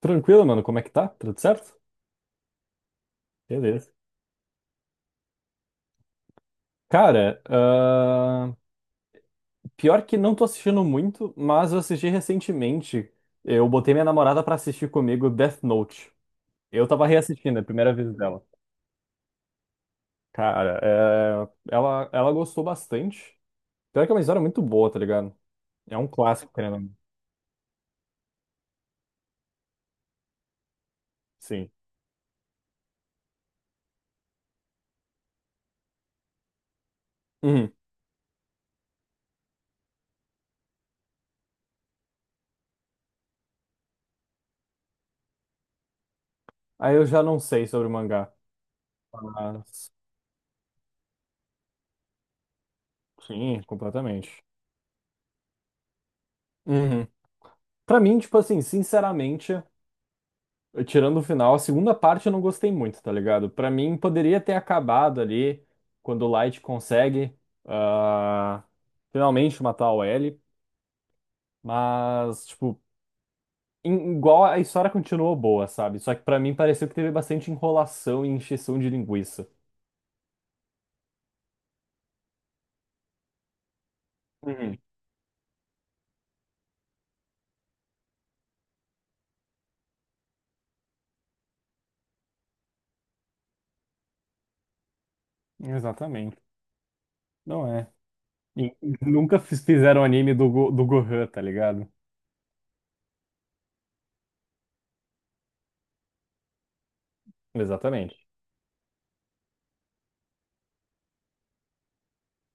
Tranquilo, mano, como é que tá? Tudo certo? Beleza. Cara, pior que não tô assistindo muito, mas eu assisti recentemente. Eu botei minha namorada pra assistir comigo Death Note. Eu tava reassistindo, é a primeira vez dela. Cara, ela gostou bastante. Pior que é uma história muito boa, tá ligado? É um clássico, querendo ou não. Sim. Uhum. Aí eu já não sei sobre o mangá, mas sim, completamente. Uhum. Pra mim, tipo assim, sinceramente. Tirando o final, a segunda parte eu não gostei muito, tá ligado? Pra mim, poderia ter acabado ali quando o Light consegue ah, finalmente matar o L, mas, tipo, igual a história continuou boa, sabe? Só que pra mim pareceu que teve bastante enrolação e encheção de linguiça. Uhum. Exatamente. Não é. E- Nunca fizeram anime do Gohan, tá ligado? Exatamente.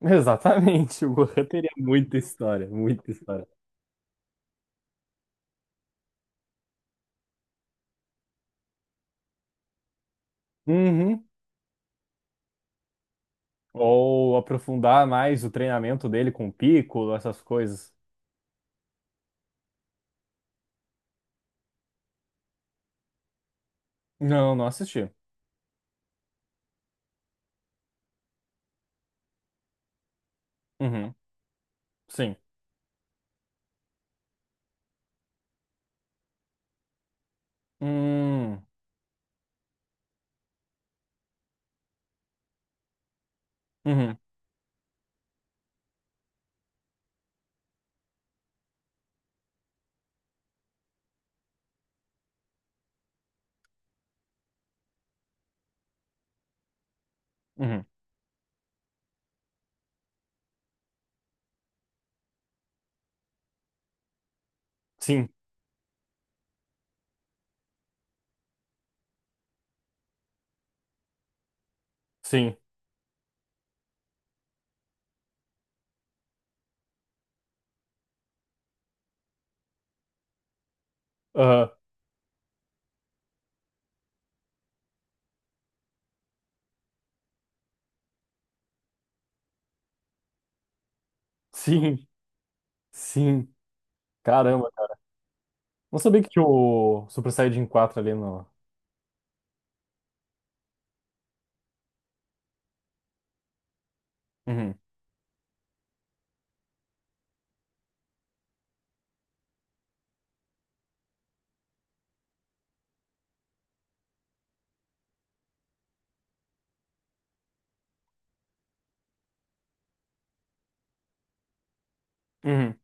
Exatamente, o Gohan teria muita história, muita história. Uhum. Ou aprofundar mais o treinamento dele com o Piccolo, essas coisas. Não, não assisti. Uhum, sim. Hum, uhum, uhum. Sim, sim. Aham, sim, sim. Caramba. Não sabia que tinha o Super Saiyajin 4 ali no. Uhum, uhum,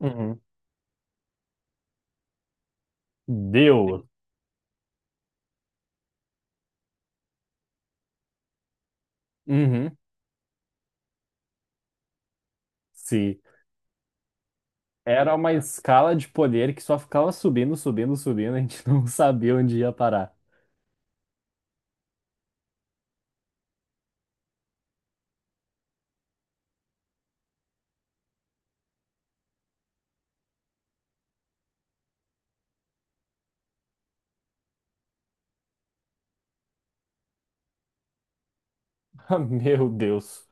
uhum. Deus. Uhum, sim. Era uma escala de poder que só ficava subindo, subindo, subindo. A gente não sabia onde ia parar. Ah, meu Deus.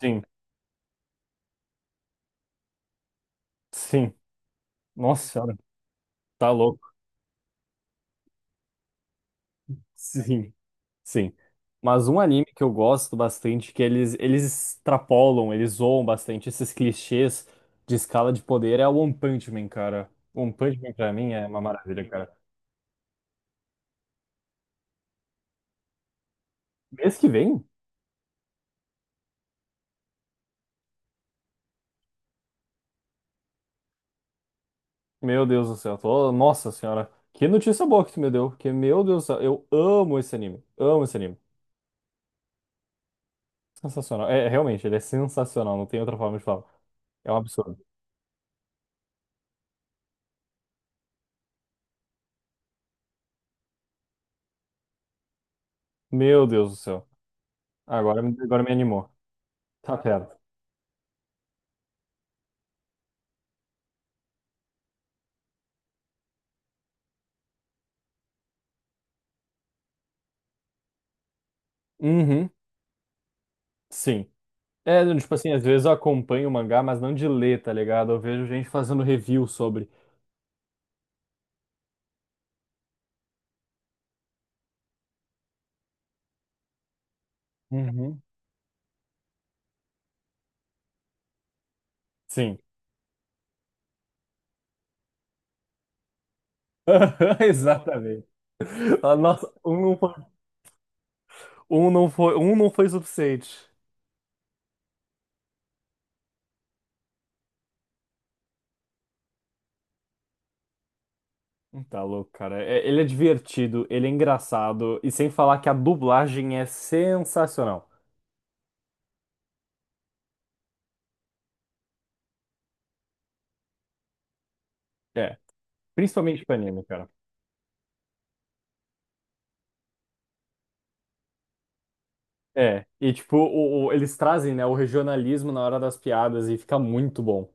Sim, sim. Nossa senhora. Tá louco. Sim, sim. Mas um anime que eu gosto bastante, que eles extrapolam, eles zoam bastante esses clichês de escala de poder, é o One Punch Man, cara. One Punch Man pra mim é uma maravilha, cara. Mês que vem? Meu Deus do céu, Nossa senhora, que notícia boa que tu me deu, porque, meu Deus do céu, eu amo esse anime, amo esse anime. Sensacional. É, realmente, ele é sensacional, não tem outra forma de falar. É um absurdo. Meu Deus do céu. Agora, agora me animou. Tá perto. Uhum, sim. É, tipo assim, às vezes eu acompanho o mangá, mas não de ler, tá ligado? Eu vejo gente fazendo review sobre. Uhum. Sim. Exatamente. Ah, nossa, um não foi, um não foi, um não foi suficiente. Tá louco, cara. Ele é divertido, ele é engraçado, e sem falar que a dublagem é sensacional. É, principalmente pra anime, cara. É, e tipo, eles trazem, né, o regionalismo na hora das piadas e fica muito bom.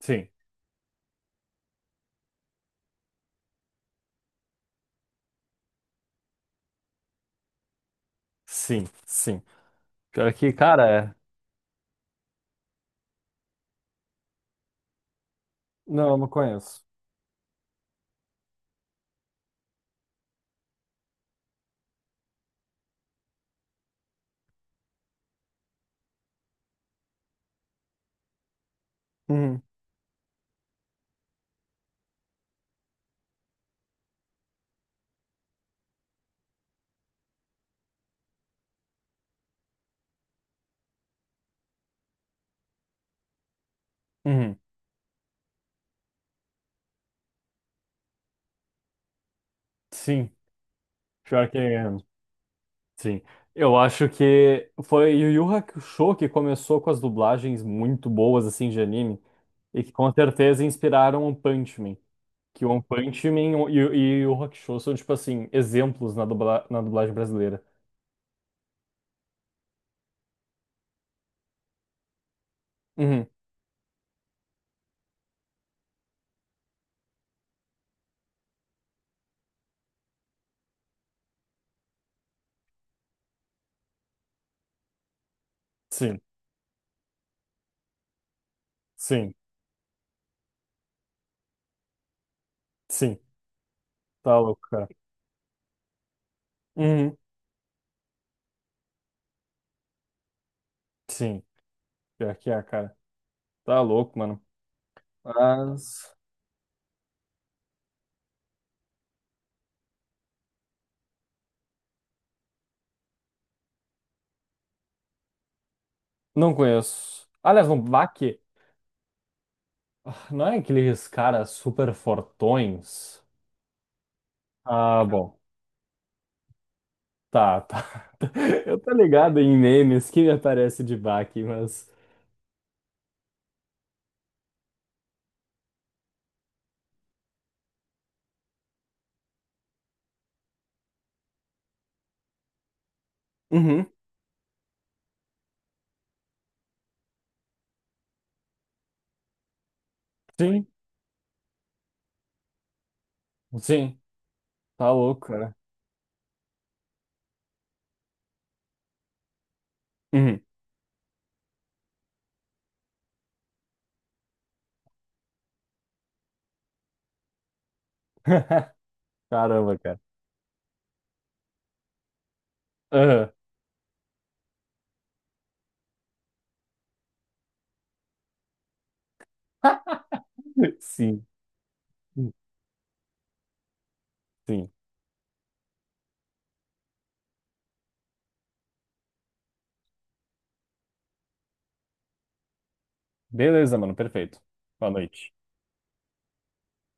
Sim, sim, sim. Pior que, cara, não, não conheço. Uhum, uhum. Sim, pior que sim. Eu acho que foi Yu Yu Hakusho que começou com as dublagens muito boas assim de anime e que com certeza inspiraram One Punch Man. Que One Punch Man e Yu Yu Hakusho são tipo assim exemplos na, na dublagem brasileira. Uhum. Sim, sim, sim. Tá louco, cara. Uhum. Sim, pior que é, cara. Tá louco, mano. Mas. Não conheço. Aliás, não, vá que ah, não é aqueles caras super fortões? Ah, bom. Tá, tá. Eu tô ligado em memes que me aparece de baque, mas. Uhum. Sim, sim, tá louco, né? Uhum. Caramba, cara. Aham. Sim, sim. Beleza, mano, perfeito. Boa noite.